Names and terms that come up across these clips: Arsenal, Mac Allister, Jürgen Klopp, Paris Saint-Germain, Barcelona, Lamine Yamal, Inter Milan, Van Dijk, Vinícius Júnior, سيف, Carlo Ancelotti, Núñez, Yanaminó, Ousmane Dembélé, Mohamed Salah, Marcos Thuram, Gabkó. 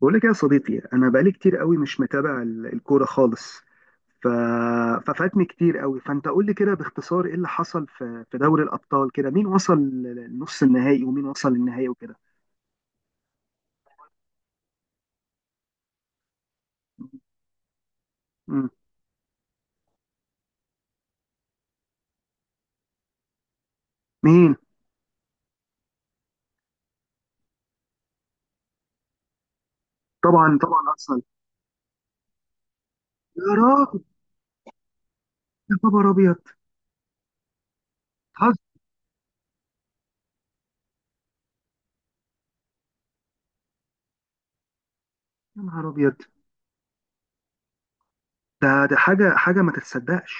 بقول لك إيه يا صديقي، انا بقالي كتير قوي مش متابع الكوره خالص. ف... ففاتني كتير قوي. فانت قول لي كده باختصار ايه اللي حصل في دوري الابطال كده. مين وصل لنص النهائي ومين وصل للنهائي وكده. مم. مين؟ طبعا ارسنال. يا راجل، يا خبر ابيض. بتهزر؟ يا نهار ابيض. ده حاجه ما تتصدقش.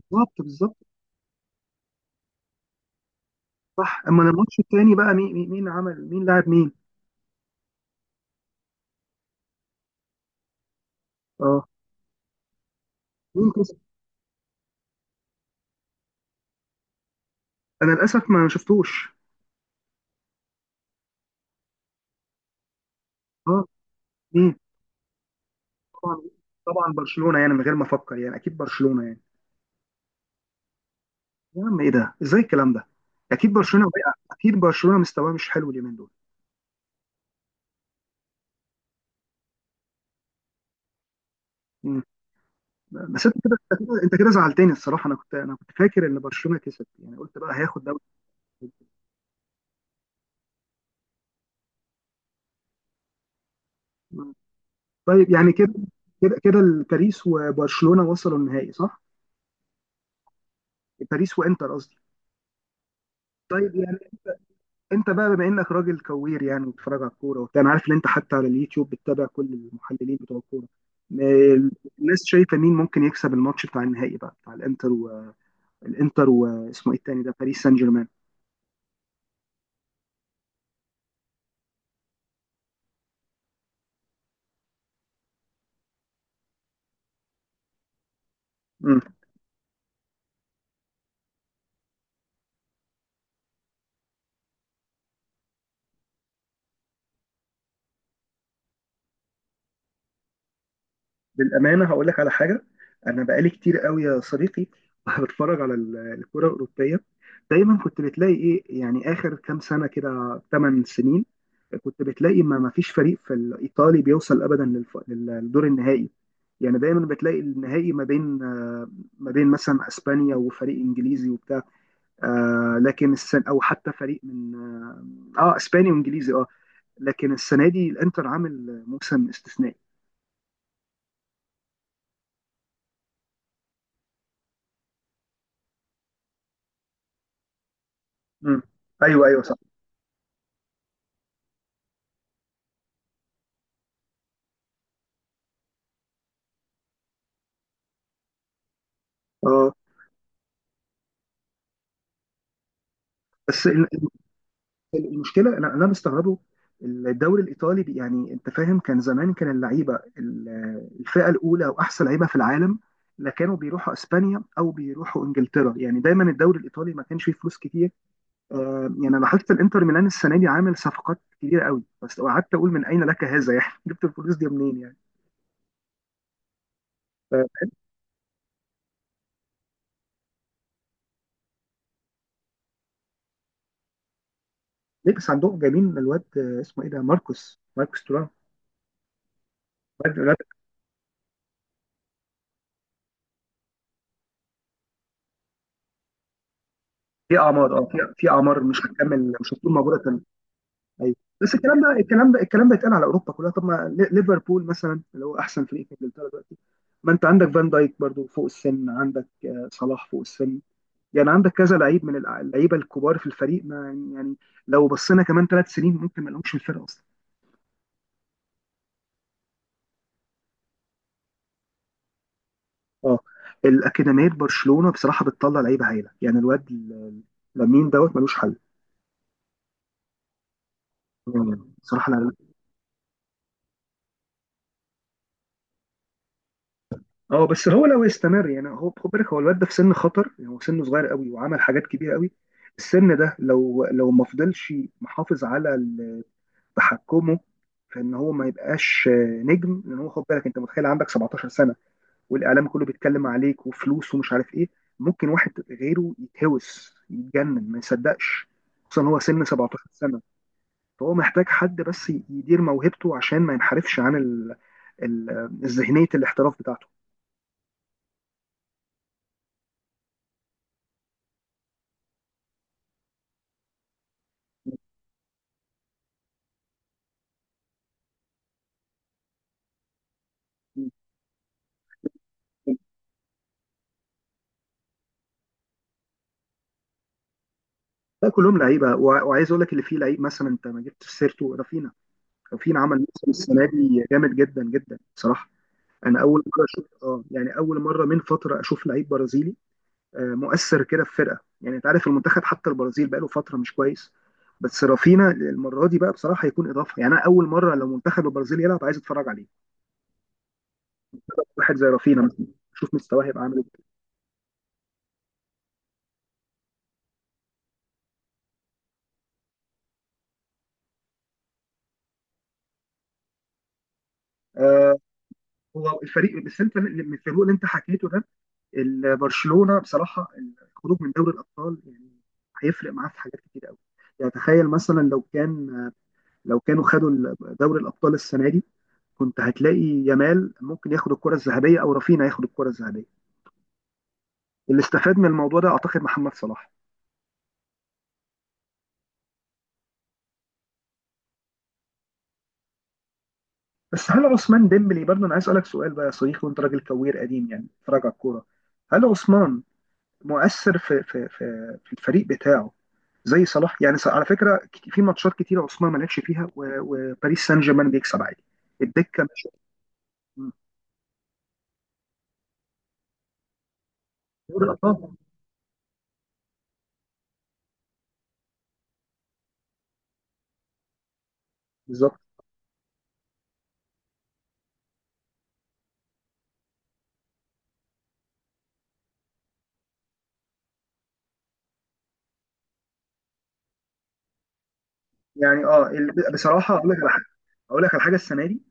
بالظبط بالظبط. صح. اما الماتش التاني بقى، مين عمل، مين لاعب مين؟ اه مين كسب؟ انا للاسف ما شفتوش. اه مين؟ طبعا طبعا برشلونه يعني، من غير ما افكر، يعني اكيد برشلونه يعني. يا عم ايه ده، ازاي الكلام ده؟ اكيد برشلونه وقع، اكيد برشلونه مستواه مش حلو اليومين دول. مم. بس انت كده زعلتني الصراحه. انا كنت فاكر ان برشلونه كسب، يعني قلت بقى هياخد دوري. مم. طيب يعني كده كده كده، باريس وبرشلونه وصلوا النهائي صح؟ باريس وانتر قصدي. طيب يعني، انت بقى بما انك راجل كوير يعني، وبتتفرج على الكوره وبتاع، انا عارف ان انت حتى على اليوتيوب بتتابع كل المحللين بتوع الكوره. م- الناس شايفه مين ممكن يكسب الماتش بتاع النهائي بقى، بتاع الانتر والانتر، واسمه ايه التاني ده، باريس سان جيرمان؟ بالامانه هقول لك على حاجه. انا بقالي كتير قوي يا صديقي بتفرج على الكره الاوروبيه. دايما كنت بتلاقي ايه، يعني اخر كام سنه كده، 8 سنين كنت بتلاقي ما فيش فريق في الايطالي بيوصل ابدا للدور النهائي. يعني دايما بتلاقي النهائي ما بين ما بين مثلا اسبانيا وفريق انجليزي وبتاع، لكن السنه، او حتى فريق من، اسباني وانجليزي اه. لكن السنه دي الانتر عامل موسم استثنائي. مم. ايوه ايوه. صح. بس المشكله انا اللي أنا مستغربه. الدوري الايطالي يعني انت فاهم، كان زمان كان اللعيبه الفئه الاولى واحسن لعيبه في العالم. لا، كانوا بيروحوا اسبانيا او بيروحوا انجلترا. يعني دايما الدوري الايطالي ما كانش فيه فلوس كتير. يعني انا لاحظت الانتر ميلان السنه دي عامل صفقات كبيره قوي، بس قعدت اقول من اين لك هذا يعني جبت الفلوس دي منين يعني. ف- ليه بس عندهم جايبين الواد اسمه ايه ده، ماركوس تورام. الواد في اعمار، اه في في اعمار مش هتكمل، مش هتكون موجوده. ايوه. بس الكلام ده يتقال على اوروبا كلها. طب ما ليفربول مثلا، اللي هو احسن فريق في انجلترا دلوقتي، ما انت عندك فان دايك برضو فوق السن، عندك صلاح فوق السن. يعني عندك كذا لعيب من اللعيبه الكبار في الفريق، ما يعني يعني لو بصينا كمان ثلاث سنين ممكن ما لهمش في الفرقه اصلا. اه. الاكاديميه برشلونه بصراحه بتطلع لعيبه هايله، يعني الواد لامين دوت ملوش حل. بصراحه. اه بس هو لو استمر، يعني هو خد بالك هو الواد ده في سن خطر، يعني هو سنه صغير قوي وعمل حاجات كبيره قوي. السن ده لو لو ما فضلش محافظ على تحكمه في ان هو ما يبقاش نجم. لان هو خد بالك انت متخيل عندك 17 سنه والاعلام كله بيتكلم عليك وفلوس ومش عارف ايه، ممكن واحد غيره يتهوس يتجنن ما يصدقش. خصوصا هو سن 17 سنه. فهو محتاج حد بس يدير موهبته عشان ما ينحرفش عن ذهنيه الاحتراف بتاعته. لا، كلهم لعيبه. وعايز اقول لك اللي فيه لعيب مثلا، انت ما جبتش سيرته، رافينا. رافينا عمل موسم السنه دي جامد جدا جدا بصراحه. انا اول مره اشوف، اه يعني اول مره من فتره اشوف لعيب برازيلي مؤثر كده في فرقه. يعني انت عارف المنتخب حتى البرازيل بقاله فتره مش كويس. بس رافينا المره دي بقى بصراحه هيكون اضافه. يعني انا اول مره لو منتخب البرازيل يلعب عايز اتفرج عليه، واحد زي رافينا مثلا. شوف مستواه هيبقى عامل ايه. آه، هو الفريق، بس انت الفريق اللي انت حكيته ده، برشلونه بصراحه، الخروج من دوري الابطال يعني هيفرق معاه في حاجات كتير قوي. يعني تخيل مثلا لو كان، لو كانوا خدوا دوري الابطال السنه دي، كنت هتلاقي يامال ممكن ياخد الكره الذهبيه او رافينا ياخد الكره الذهبيه. اللي استفاد من الموضوع ده اعتقد محمد صلاح. بس هل عثمان ديمبلي برضه، انا عايز اسالك سؤال بقى يا صديقي، وانت راجل كوير قديم يعني بتتفرج على الكوره، هل عثمان مؤثر في الفريق بتاعه زي صلاح يعني؟ على فكره، في ماتشات كتيره عثمان ما لعبش فيها وباريس سان جيرمان بيكسب عادي. الدكه مش. م. دوري الابطال. بالظبط. يعني اه بصراحه اقول لك على حاجه. اقول لك على حاجه، السنه دي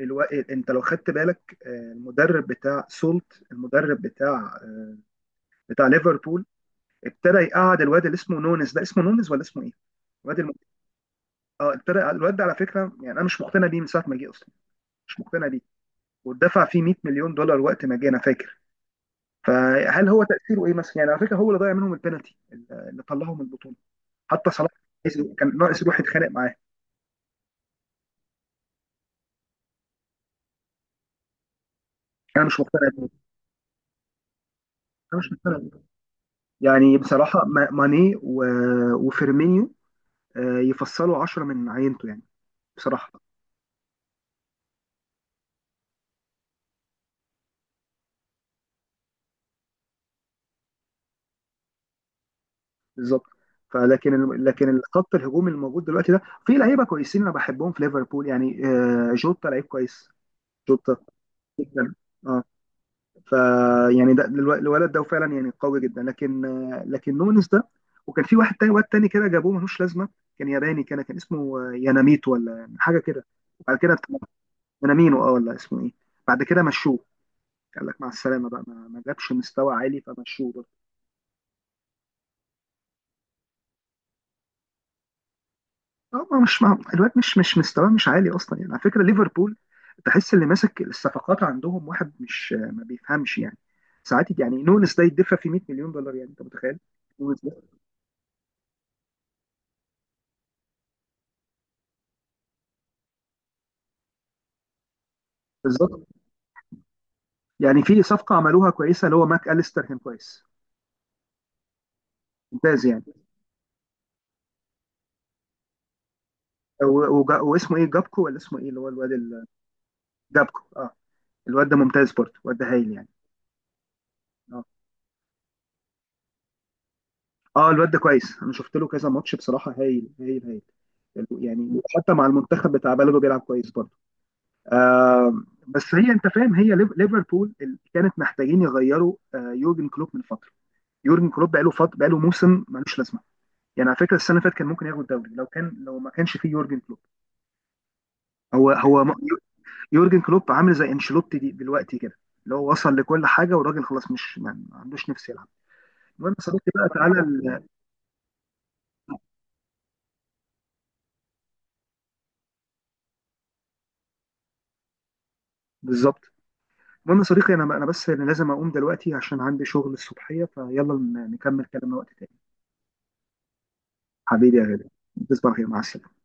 انت لو خدت بالك، المدرب بتاع سولت، المدرب بتاع بتاع ليفربول، ابتدى يقعد الواد اللي اسمه نونز ده، اسمه نونز ولا اسمه ايه؟ الواد الم... اه ابتدى يقعد، الواد ده على فكره يعني انا مش مقتنع بيه من ساعه ما جه اصلا، مش مقتنع بيه. واتدفع فيه 100 مليون دولار وقت ما جه انا فاكر. فهل هو تأثيره ايه مثلا؟ يعني على فكرة هو اللي ضيع منهم البنالتي اللي طلعهم من البطولة. حتى صلاح كان ناقص يروح يتخانق معاه. انا مش مقتنع بيه. انا مش مقتنع بيه. يعني بصراحة ماني وفيرمينيو يفصلوا 10 من عينته يعني، بصراحة. بالظبط. فلكن لكن الخط الهجومي الموجود دلوقتي ده في لعيبة كويسين انا بحبهم في ليفربول. يعني جوتا لعيب كويس. جوتا اه. فيعني ده الولد ده فعلا يعني قوي جدا. لكن لكن نونس ده، وكان في واحد تاني، واد تاني كده جابوه ملوش لازمه، كان ياباني، كان كان اسمه ياناميت ولا حاجه كده. بعد كده. يانامينو اه، ولا اسمه ايه. بعد كده مشوه، قال لك مع السلامه بقى، ما, ما جابش مستوى عالي فمشوه برضه. اه ما مش ما الواد مش، مش مستواه مش عالي اصلا يعني. على فكره ليفربول تحس اللي ماسك الصفقات عندهم واحد مش، ما بيفهمش يعني ساعات. يعني نونس ده يدفع في 100 مليون دولار، يعني انت متخيل؟ نونس ده. بالظبط. يعني في صفقه عملوها كويسه، اللي هو ماك أليستر كان كويس. ممتاز يعني. واسمه ايه، جابكو ولا اسمه ايه، اللي هو الواد جابكو اه. الواد ده ممتاز برضه، الواد ده هايل يعني. اه. اه الواد ده كويس، انا شفت له كذا ماتش بصراحه، هايل هايل هايل. يعني حتى مع المنتخب بتاع بلده بيلعب كويس برضه. بس هي انت فاهم هي ليفربول اللي كانت محتاجين يغيروا يورجن كلوب من فتره. يورجن كلوب بقاله بقاله موسم ملوش لازمه. يعني على فكره السنه اللي فاتت كان ممكن ياخد الدوري لو كان، لو ما كانش فيه يورجن كلوب. هو هو يورجن كلوب عامل زي انشيلوتي دي دلوقتي كده، اللي هو وصل لكل حاجه والراجل خلاص مش، ما ما عندوش نفس يلعب. المهم يا صديقي بقى، تعالى بالظبط. المهم يا صديقي، انا انا بس أنا لازم اقوم دلوقتي عشان عندي شغل الصبحيه. فيلا نكمل كلامنا وقت تاني. حبيبي يا غالي. تصبح على خير مع السلامه.